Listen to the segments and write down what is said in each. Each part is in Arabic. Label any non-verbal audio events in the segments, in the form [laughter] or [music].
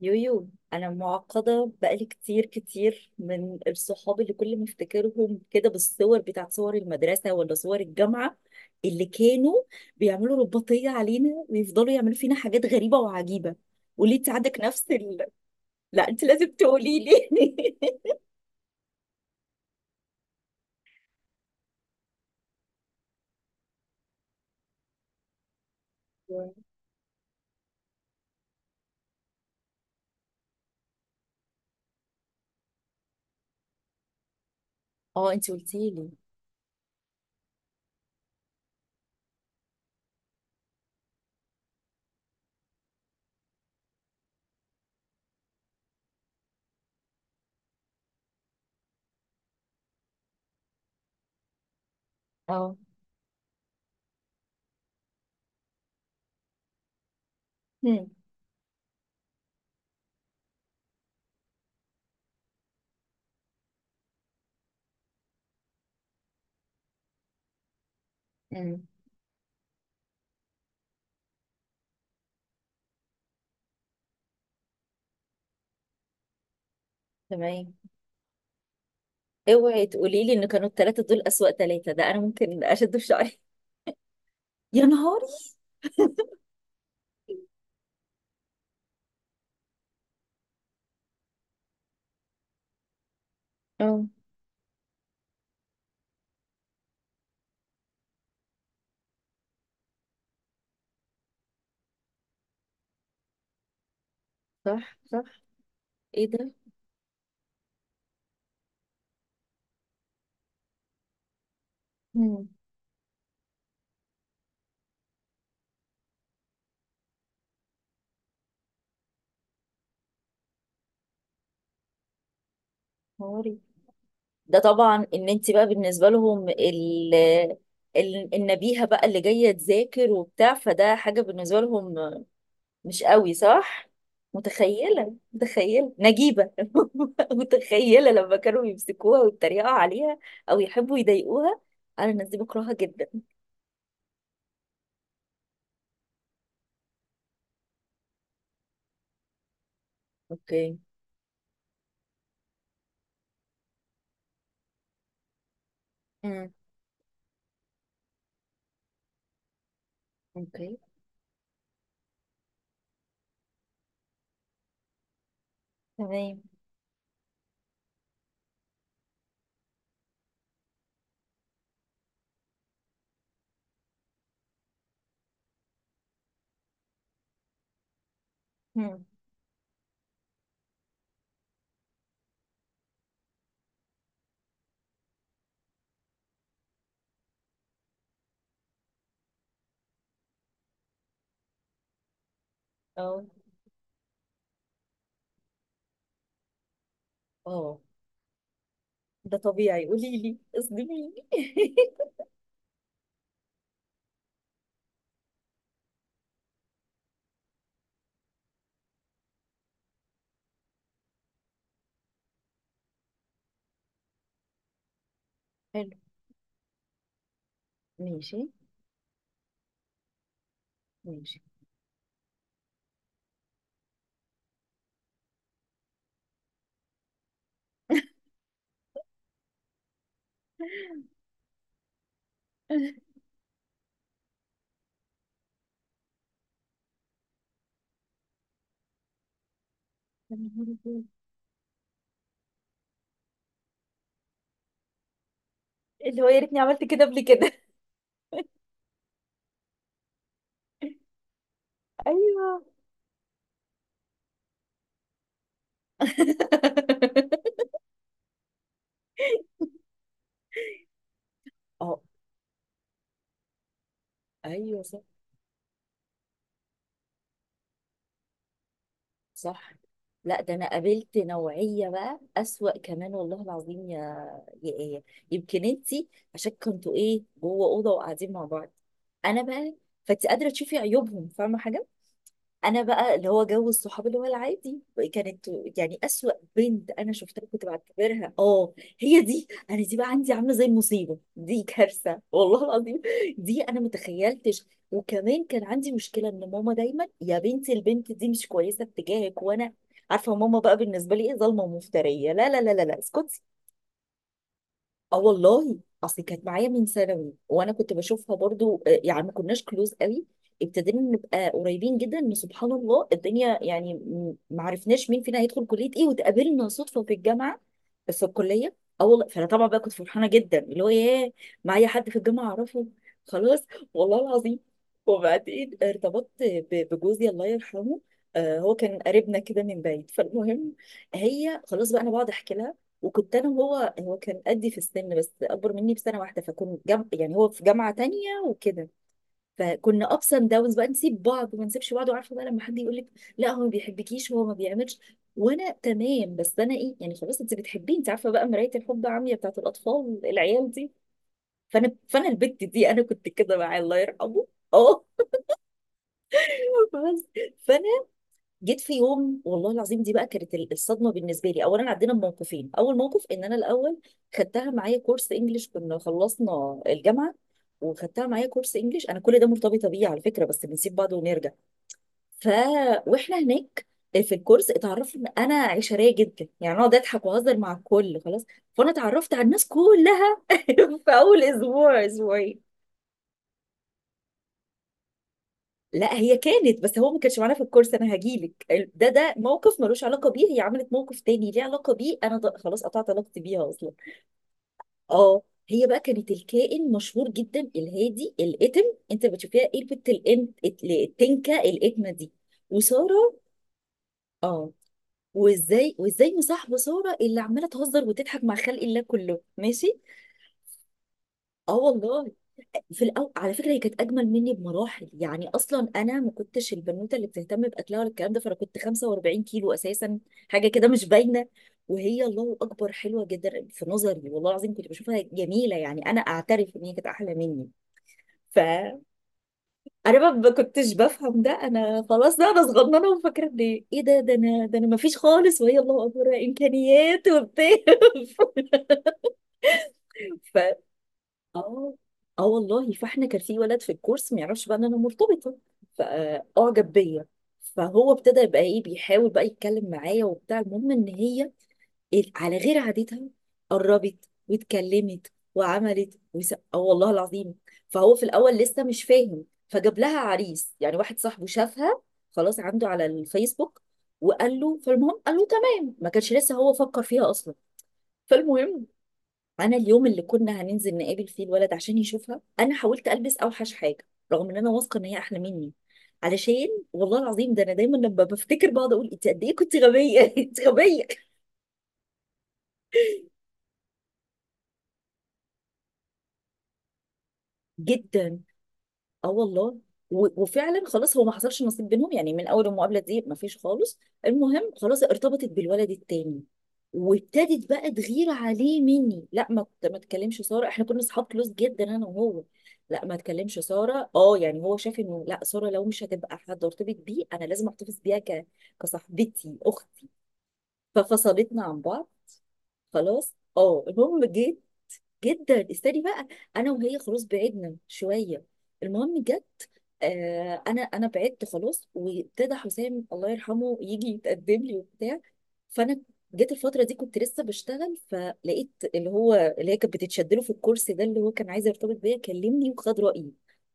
يويو انا معقده بقالي كتير من الصحاب اللي كل ما افتكرهم كده بالصور بتاعت صور المدرسه ولا صور الجامعه اللي كانوا بيعملوا رباطيه علينا ويفضلوا يعملوا فينا حاجات غريبه وعجيبه. وليه انت عندك نفس ال... [laughs] لا انت لازم تقولي لي. [laughs] اه انت قلتي لي. اه. هم، هم، تمام. اوعي تقولي لي ان كانوا الثلاثه دول اسوأ ثلاثه، ده انا ممكن اشد في شعري. يا نهاري. اه صح صح. ايه ده. مم. موري. ده طبعا ان انت بقى بالنسبه لهم النبيهة بقى اللي جاية تذاكر وبتاع، فده حاجة بالنسبة لهم مش قوي صح؟ متخيلة متخيلة نجيبة [laughs] متخيلة لما كانوا يمسكوها ويتريقوا عليها أو يحبوا يضايقوها. أنا الناس دي بكرهها جدا. اوكي. امم. اوكي. تمام. امم. اه اه. ده طبيعي، قولي لي اصدميني. [laughs] حلو. ماشي. ماشي. [laughs] [laughs] يا نهار أبيض. اللي هو يا ريتني عملت كده قبل كده. [laughs] ايوه. [laughs] اه. ايوه صح. صح. لا ده انا قابلت نوعيه بقى اسوأ كمان والله العظيم يا، يا ايه. يمكن انتي عشان كنتوا ايه جوه اوضه وقاعدين مع بعض. انا بقى، فانت قادره تشوفي عيوبهم، فاهمه حاجه. انا بقى اللي هو جو الصحاب اللي هو العادي، كانت يعني اسوأ بنت انا شفتها كنت بعتبرها اه، هي دي. انا دي بقى عندي عامله زي المصيبه، دي كارثه والله العظيم. دي انا متخيلتش. وكمان كان عندي مشكله ان ماما دايما يا بنتي البنت دي مش كويسه اتجاهك، وانا عارفه ماما بقى بالنسبه لي ايه، ظالمه ومفتريه، لا لا لا لا لا اسكتي. اه والله. اصل كانت معايا من ثانوي وانا كنت بشوفها برضو يعني ما كناش كلوز قوي. ابتدينا نبقى قريبين جدا، ان سبحان الله الدنيا يعني ما عرفناش مين فينا هيدخل كليه ايه، واتقابلنا صدفه في الجامعه. بس في الكليه اه والله. فانا طبعا بقى كنت فرحانه جدا، اللي هو ياه، معايا حد في الجامعه اعرفه. خلاص، والله العظيم. وبعدين ارتبطت بجوزي الله يرحمه، هو كان قريبنا كده من بعيد، فالمهم هي خلاص بقى انا بقعد احكي لها. وكنت انا وهو، هو كان قدي في السن بس اكبر مني بسنه واحده، فكنا جم... يعني هو في جامعه تانية وكده، فكنا ابس اند داونز بقى، نسيب بعض ما نسيبش بعض، وعارفه بقى لما حد يقول لك لا هو ما بيحبكيش، هو ما بيعملش، وانا تمام بس انا ايه، يعني خلاص انت بتحبيه، انت عارفه بقى مرايه الحب عمياء بتاعت الاطفال العيال دي. فانا البت دي انا كنت كده معاه الله يرحمه. اه. [laughs] بس، فانا جيت في يوم والله العظيم، دي بقى كانت الصدمه بالنسبه لي. اولا عدينا بموقفين، اول موقف ان انا الاول خدتها معايا كورس انجليش، كنا خلصنا الجامعه وخدتها معايا كورس انجليش. انا كل ده مرتبطه بيه على فكره، بس بنسيب بعض ونرجع. ف، واحنا هناك في الكورس اتعرفت ان انا عشريه جدا، يعني اقعد اضحك واهزر مع الكل خلاص، فانا اتعرفت على الناس كلها [laughs] في اول اسبوع اسبوعين. لا هي كانت، بس هو ما كانش معانا في الكورس، انا هجيلك. ده موقف ملوش علاقه بيه، هي عملت موقف تاني ليه علاقه بيه، انا خلاص قطعت علاقتي بيها اصلا. اه. هي بقى كانت الكائن مشهور جدا الهادي الاتم. انت بتشوفيها ايه البت الانت التنكه الاتمه دي، وساره. اه. وازاي وازاي مصاحبه ساره اللي عماله تهزر وتضحك مع خلق الله كله، ماشي. اه والله. في الأول على فكرة هي كانت أجمل مني بمراحل، يعني أصلا أنا ما كنتش البنوتة اللي بتهتم بأكلها ولا الكلام ده، فأنا كنت 45 كيلو أساسا، حاجة كده مش باينة، وهي الله أكبر حلوة جدا في نظري والله العظيم، كنت بشوفها جميلة، يعني أنا أعترف إن هي كانت أحلى مني. فأنا ما كنتش بفهم ده، أنا خلاص ده أنا صغننة وفاكرة إن إيه ده، ده أنا ما فيش خالص، وهي الله أكبر إمكانيات وبتاع. [laughs] ف، اه. اه والله. فاحنا كان في ولد في الكورس ما يعرفش بقى ان انا مرتبطه، فاعجب بيا، فهو ابتدى يبقى ايه بيحاول بقى يتكلم معايا وبتاع. المهم ان هي على غير عادتها قربت واتكلمت وعملت وس... اه والله العظيم. فهو في الاول لسه مش فاهم، فجاب لها عريس يعني، واحد صاحبه شافها خلاص عنده على الفيسبوك، وقال له، فالمهم قال له تمام، ما كانش لسه هو فكر فيها اصلا. فالمهم انا اليوم اللي كنا هننزل نقابل فيه الولد عشان يشوفها، انا حاولت البس اوحش حاجه، رغم ان انا واثقه ان هي احلى مني، علشان، والله العظيم ده انا دايما لما بفتكر بقعد اقول انت قد ايه كنت غبيه. [laughs] انت غبيه جدا. اه والله. وفعلا خلاص هو ما حصلش نصيب بينهم، يعني من اول المقابله دي ما فيش خالص. المهم خلاص ارتبطت بالولد التاني، وابتدت بقى تغير عليه مني، لا ما تكلمش ساره، احنا كنا اصحاب كلوز جدا انا وهو. لا ما تكلمش ساره، اه يعني هو شاف انه لا ساره لو مش هتبقى حد ارتبط بيه انا لازم احتفظ بيها ك... كصاحبتي اختي. ففصلتنا عن بعض خلاص. اه. المهم جه، جدا استني بقى، انا وهي خلاص بعدنا شويه. المهم جت، آه انا، بعدت خلاص، وابتدى حسام الله يرحمه يجي يتقدم لي وبتاع. فانا جيت الفتره دي كنت لسه بشتغل، فلقيت اللي هو اللي هي كانت بتتشدله في الكرسي ده، اللي هو كان عايز يرتبط بيا، كلمني وخد رايي،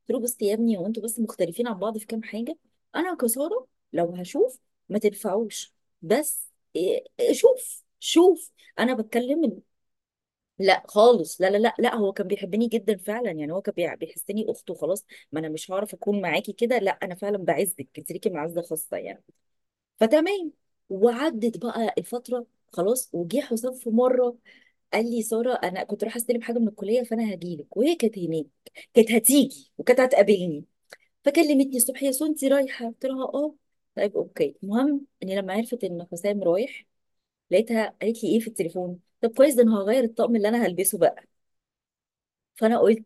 قلت له بص يا ابني هو انتوا بس مختلفين عن بعض في كام حاجه، انا كساره لو هشوف ما تنفعوش، بس إيه- إيه، شوف شوف انا بتكلم. لا خالص لا لا لا لا، هو كان بيحبني جدا فعلا، يعني هو كان بيحسني اخته خلاص، ما انا مش هعرف اكون معاكي كده، لا انا فعلا بعزك انت ليكي معزه خاصه يعني. فتمام. وعدت بقى الفتره، خلاص وجه حسام في مره، قال لي ساره انا كنت رايحه استلم حاجه من الكليه فانا هجيلك، وهي كانت هناك، كانت هتيجي وكانت هتقابلني، فكلمتني الصبح يا سو انت رايحه، قلت لها اه، طيب اوكي. المهم اني لما عرفت ان حسام رايح لقيتها قالت لي ايه في التليفون، طب كويس ده انا هغير الطقم اللي انا هلبسه بقى. فانا قلت،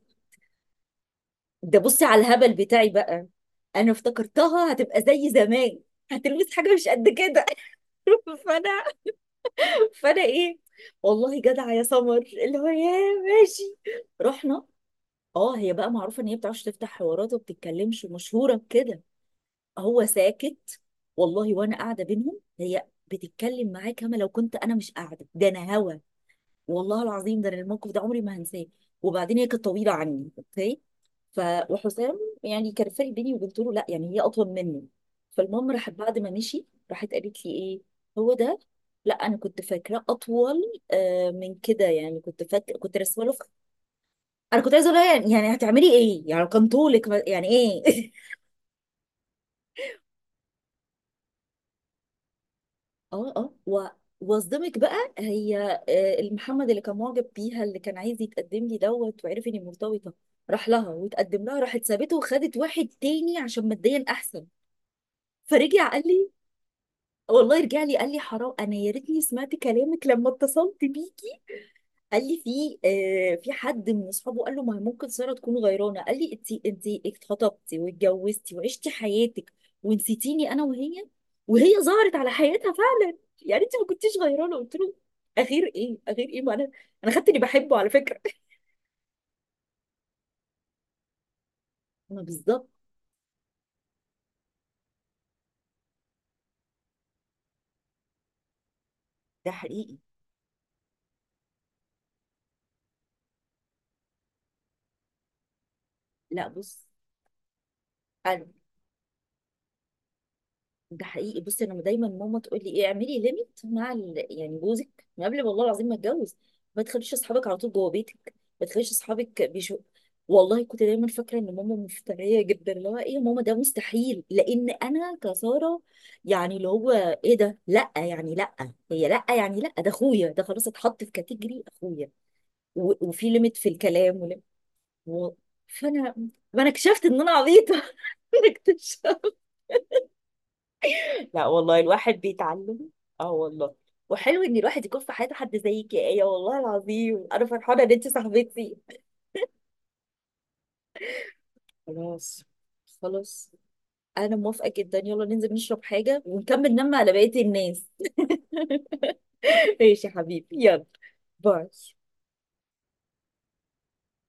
ده بصي على الهبل بتاعي بقى، انا افتكرتها هتبقى زي زمان، هتلبس حاجه مش قد كده. [laughs] فانا فانا ايه، والله جدعه يا سمر، اللي هو يا، ماشي، رحنا. اه. هي بقى معروفه ان هي بتعرفش تفتح حوارات وما بتتكلمش، مشهوره بكده. هو ساكت، والله وانا قاعده بينهم هي بتتكلم معاه كما لو كنت انا مش قاعده، ده انا هوا. والله العظيم ده أنا الموقف ده عمري ما هنساه. وبعدين هي كانت طويله عني اوكي، ف، وحسام يعني كان فرق بيني، وقلت له لا يعني هي اطول مني. فالمهم راحت بعد ما مشي، راحت قالت لي ايه، هو ده؟ لا انا كنت فاكراه اطول من كده يعني، كنت فاكره كنت رسمه له. انا كنت عايزه اقول لها يعني، يعني هتعملي ايه يعني لو كان طولك ما- يعني ايه. [laughs] اه اه. و... واصدمك بقى، هي المحمد اللي كان معجب بيها اللي كان عايز يتقدم لي دوت وعرف اني مرتبطه، راح لها وتقدم لها، راحت سابته وخدت واحد تاني عشان ماديا احسن. فرجع قال لي، والله رجع لي قال لي حرام، انا يا ريتني سمعت كلامك لما اتصلت بيه. قال لي في في حد من اصحابه قال له ما هي ممكن ساره تكون غيرانه، قال لي انت، اتخطبتي واتجوزتي وعشتي حياتك ونسيتيني انا وهي، وهي ظهرت على حياتها فعلا، يعني انت ما كنتيش غيرانه. قلت له اغير ايه اغير ايه، ما انا، انا خدت اللي بحبه على فكره. ما بالظبط. ده حقيقي. لا بص، أنا-، ده حقيقي، بصي انا دايما ماما تقول لي ايه اعملي ليميت مع ال... يعني جوزك من قبل والله العظيم ما اتجوز، ما تخليش اصحابك على طول جوه بيتك، ما تخليش اصحابك بيشو. والله كنت دايما فاكره ان ماما مفتريه جدا، اللي هو ايه يا ماما ده مستحيل، لان انا كساره يعني، اللي هو ايه ده، لا يعني لا هي، لا يعني لا ده اخويا، ده خلاص اتحط في كاتيجري اخويا، و... وفي ليميت في الكلام ولم... و... فانا، ما انا اكتشفت ان انا عبيطه. [laughs] انا اكتشفت. لا والله الواحد بيتعلم. اه والله. وحلو ان الواحد يكون في حياته حد زيك يا ايه، والله العظيم انا فرحانه ان انت صاحبتي. خلاص. خلاص. انا موافقه جدا، يلا ننزل نشرب حاجه ونكمل نم على بقيه الناس. [laughs] ماشي يا حبيبي يلا، باي.